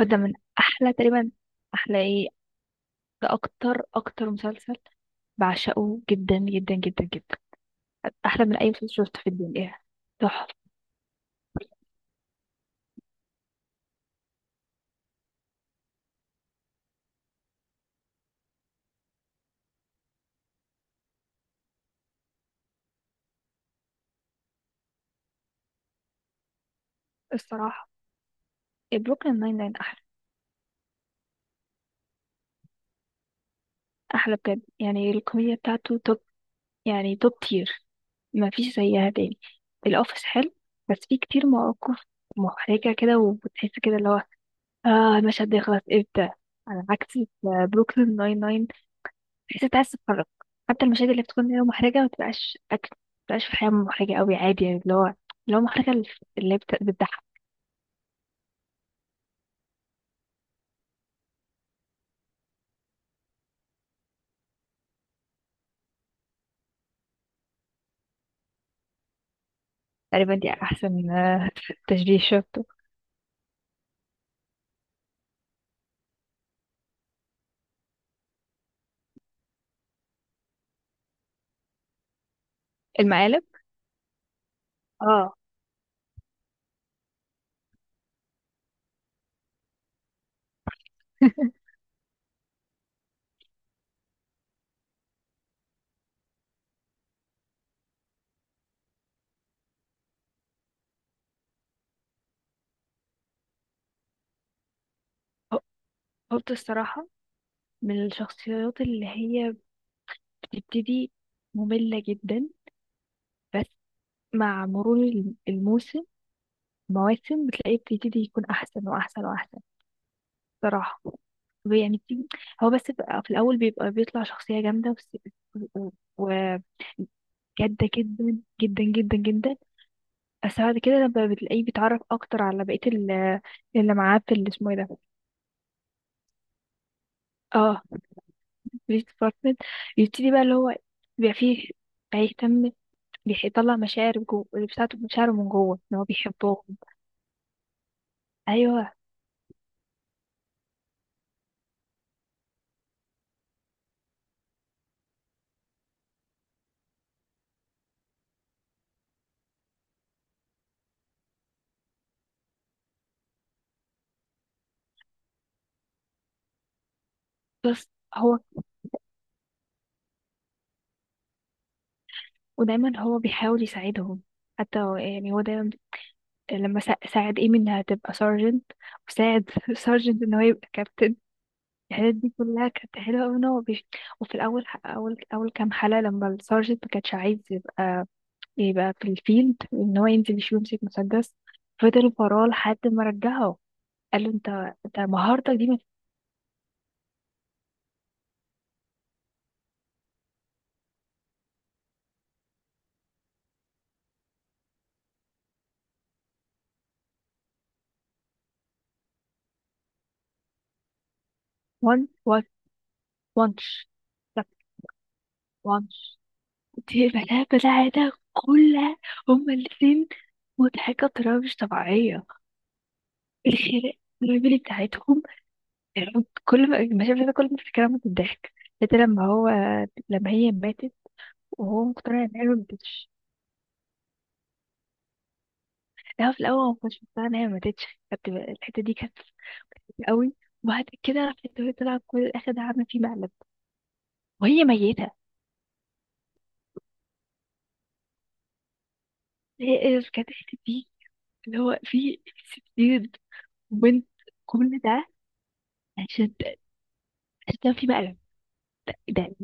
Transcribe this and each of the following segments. وده من احلى تقريبا، احلى ايه، ده اكتر مسلسل بعشقه جدا جدا جدا جدا، احلى من اي مسلسل شفته في الدنيا، تحفه. الصراحه بروكلين ناين ناين احلى بجد، يعني الكوميديا بتاعته توب، يعني توب تير، ما فيش زيها تاني. الاوفيس حلو بس فيه كتير مواقف محرجه كده، وبتحس كده اللي هو اه المشهد ده يخلص امتى، على عكس بروكلين ناين ناين، بحيث انت عايز تتفرج حتى المشاهد اللي بتكون هي محرجة ما تبقاش أكل ما تبقاش في الحياة محرجة قوي عادي، يعني اللي هو محرجة اللي بتضحك. تقريبا دي أحسن تشبيه شفته. المقالب. اه. قلت الصراحة، من الشخصيات اللي هي بتبتدي مملة جدا، بس مع مرور الموسم مواسم، بتلاقيه بيبتدي يكون أحسن وأحسن وأحسن، صراحة، يعني هو بس بقى في الأول بيبقى بيطلع شخصية جامدة، جادة جدا جدا جدا جدا. بس بعد كده لما بتلاقيه بيتعرف اكتر على بقية اللي معاه في اللي اسمه ايه ده، اه، بوليس ديبارتمنت. يبتدي بقى اللي هو بيبقى فيه بيهتم، يطلع مشاعر جوه اللي بتاعته، مشاعره من جوه ان هو بيحبهم. ايوه بس هو، ودايما هو بيحاول يساعدهم، حتى يعني هو دايما لما ساعد ايمي انها تبقى سارجنت، وساعد سارجنت ان هو يبقى كابتن. الحاجات دي كلها كانت حلوة أوي إن هو بيش... وفي الأول أول أول كام حلقة لما السارجنت ما كانش عايز يبقى في الفيلد إن هو ينزل يشوف يمسك مسدس. فضل وراه لحد ما رجعه. قال له أنت أنت مهارتك دي ما، وان وان وانش، طب وانش، دي بلاها بتاعتها كلها، هما الاتنين مضحكة بطريقة مش طبيعية. الخناقة، الرجل بتاعتهم، كل ما المشاهد كل ما افتكرها من الضحك. حتى لما هو، لما هي ماتت وهو مقتنع ان هي ما ماتتش. لا في الاول هو ما كنتش مقتنع ان هي ما ماتتش، كانت الحته دي كانت خطيرة قوي. وبعد كده راحت وهي، طلع كل اخد عامله فيه مقلب وهي ميته. هي كانت الحته دي اللي هو في ستين بنت، كل ده عشان، عشان تعمل فيه مقلب. ده.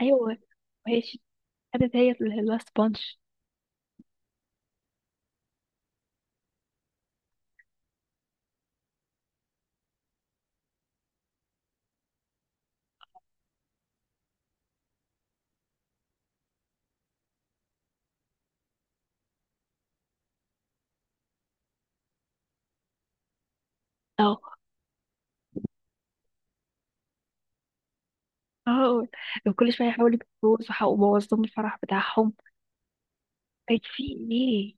ايوه. وهي ش- خدت هي اللي هو سبونج. اه. اه. وكل شويه يحاولوا يتجوزوا وبوظ لهم الفرح بتاعهم. طيب في ايه.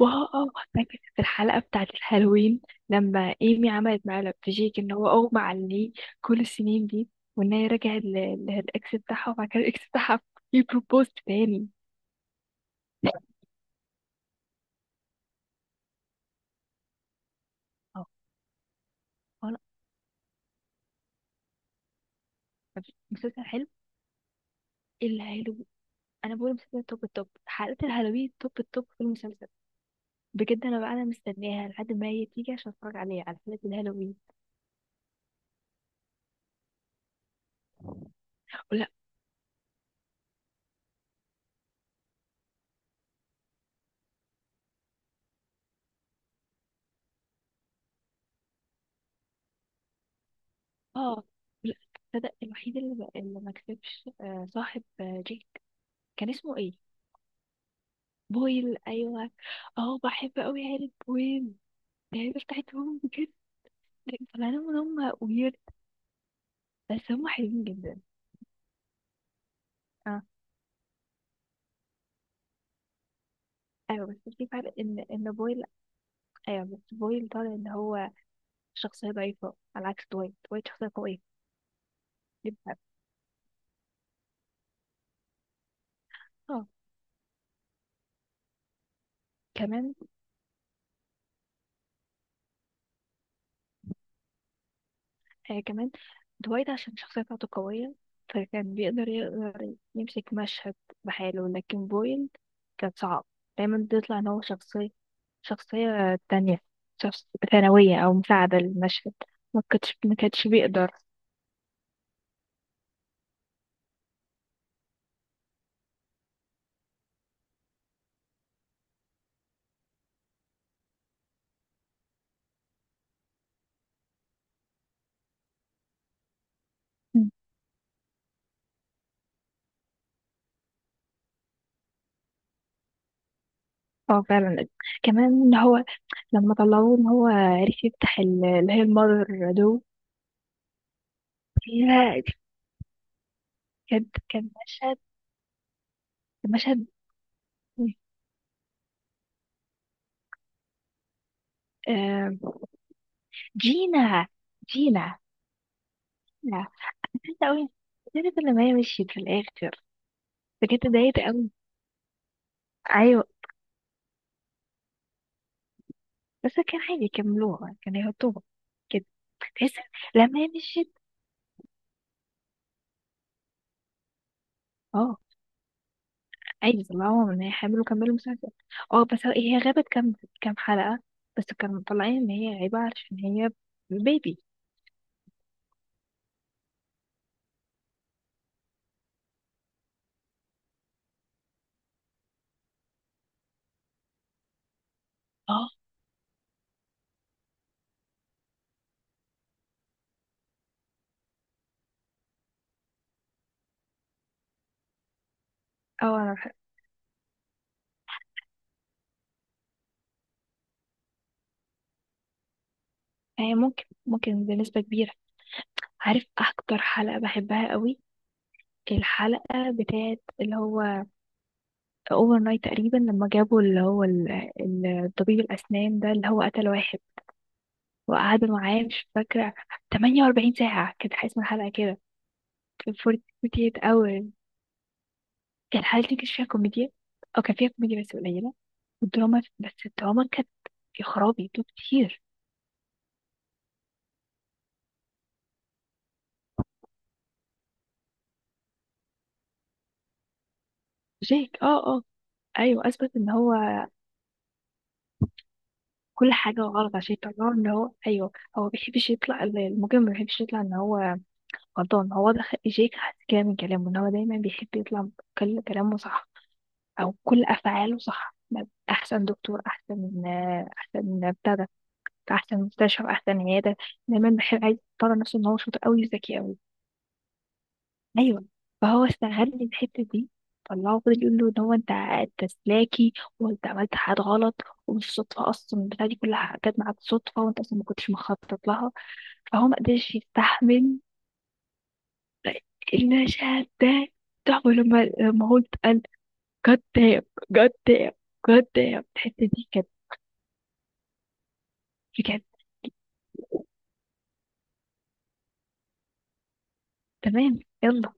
واه اه فاكر في الحلقة بتاعة الهالوين لما ايمي عملت معاه لبتجيك ان هو اغمى عليه كل السنين دي، وان هي رجعت للاكس بتاعها، وبعد كده الاكس بتاعها يبروبوز تاني. اه اه. لا مسلسل حلو، الهالو، انا بقول مسلسل توب التوب، حلقة الهالوين توب التوب في المسلسل بجد. انا بقى انا مستناها لحد ما هي تيجي عشان اتفرج عليها، على حلقة الهالوين. ولا. اه. لا تصدق الوحيد اللي ما، اللي ما كسبش، آه، صاحب جيك، كان اسمه ايه، بويل. ايوه. اه بحب قوي عيلة بويل، العيلة بتاعتهم بجد طلع لهم ان هم ويرد، بس هم حلوين جدا. اه ايوه بس في فرق ان بويل، ايوه بس بويل طالع ان هو شخصية ضعيفة على عكس دوايت، دوايت شخصية قوية. يبقى اه كمان، آه كمان دوايت عشان الشخصية بتاعته قوية، فكان بيقدر يقدر يمسك مشهد بحاله، لكن بويل كان صعب، دايما بيطلع ان هو شخصية تانية، شخص ثانوية أو مساعدة للمشهد، ما كانتش بيقدر. مم. اه فعلا. كمان إن هو لما طلعوه ان هو عرف يفتح اللي هي المادر دو فيها، كان كان مشهد مشهد آه، جينا، جينا. لا انت قوي، عرفت لما هي مشيت في الاخر. بجد اتضايقت قوي. ايوه بس كان عادي يكملوها، كان يحطوها كده. تحس لما هي مشيت. اه عادي طلعوها من هي حامل وكملوا مسلسل. اه بس هي غابت كام حلقة. بس كانوا مطلعين ان هي غايبة عشان هي بيبي. اه اه. هي ممكن بنسبة كبيرة. عارف اكتر حلقة بحبها قوي؟ الحلقة بتاعت اللي هو اوفر نايت تقريبا، لما جابوا اللي هو طبيب الاسنان ده اللي هو قتل واحد، وقعدوا معاه، مش فاكرة، 48 ساعة كانت اسم الحلقة كده، 48 hours. الحلقة دي كانت فيها كوميديا، او كان فيها كوميديا بس قليلة، والدراما، بس الدراما كانت، يا خرابي دول كتير. جاك اه اه ايوه، اثبت ان هو كل حاجه غلط عشان يطلعه ان هو ايوه. هو ما بيحبش يطلع المجرم، ما بيحبش يطلع ان هو غلطان. هو ده جاك حس كده من كلامه ان هو دايما بيحب يطلع كل كلامه صح او كل افعاله صح، احسن دكتور احسن احسن بتاع ده، احسن مستشفى احسن عياده، دايما بيحب عايز يطلع نفسه ان هو شاطر قوي وذكي قوي. ايوه. فهو استغل الحته دي، طلعه فضل يقول له ان هو انت انت سلاكي وانت عملت حاجات غلط، ومش صدفه اصلا البتاعه دي كلها جت معاك صدفه، وانت اصلا ما كنتش مخطط لها، فهو ما قدرش يستحمل. المشهد ده تحفه، لما لما هو اتقال جاد دام، جاد دام، جاد دام، الحته دي كانت بجد. تمام يلا.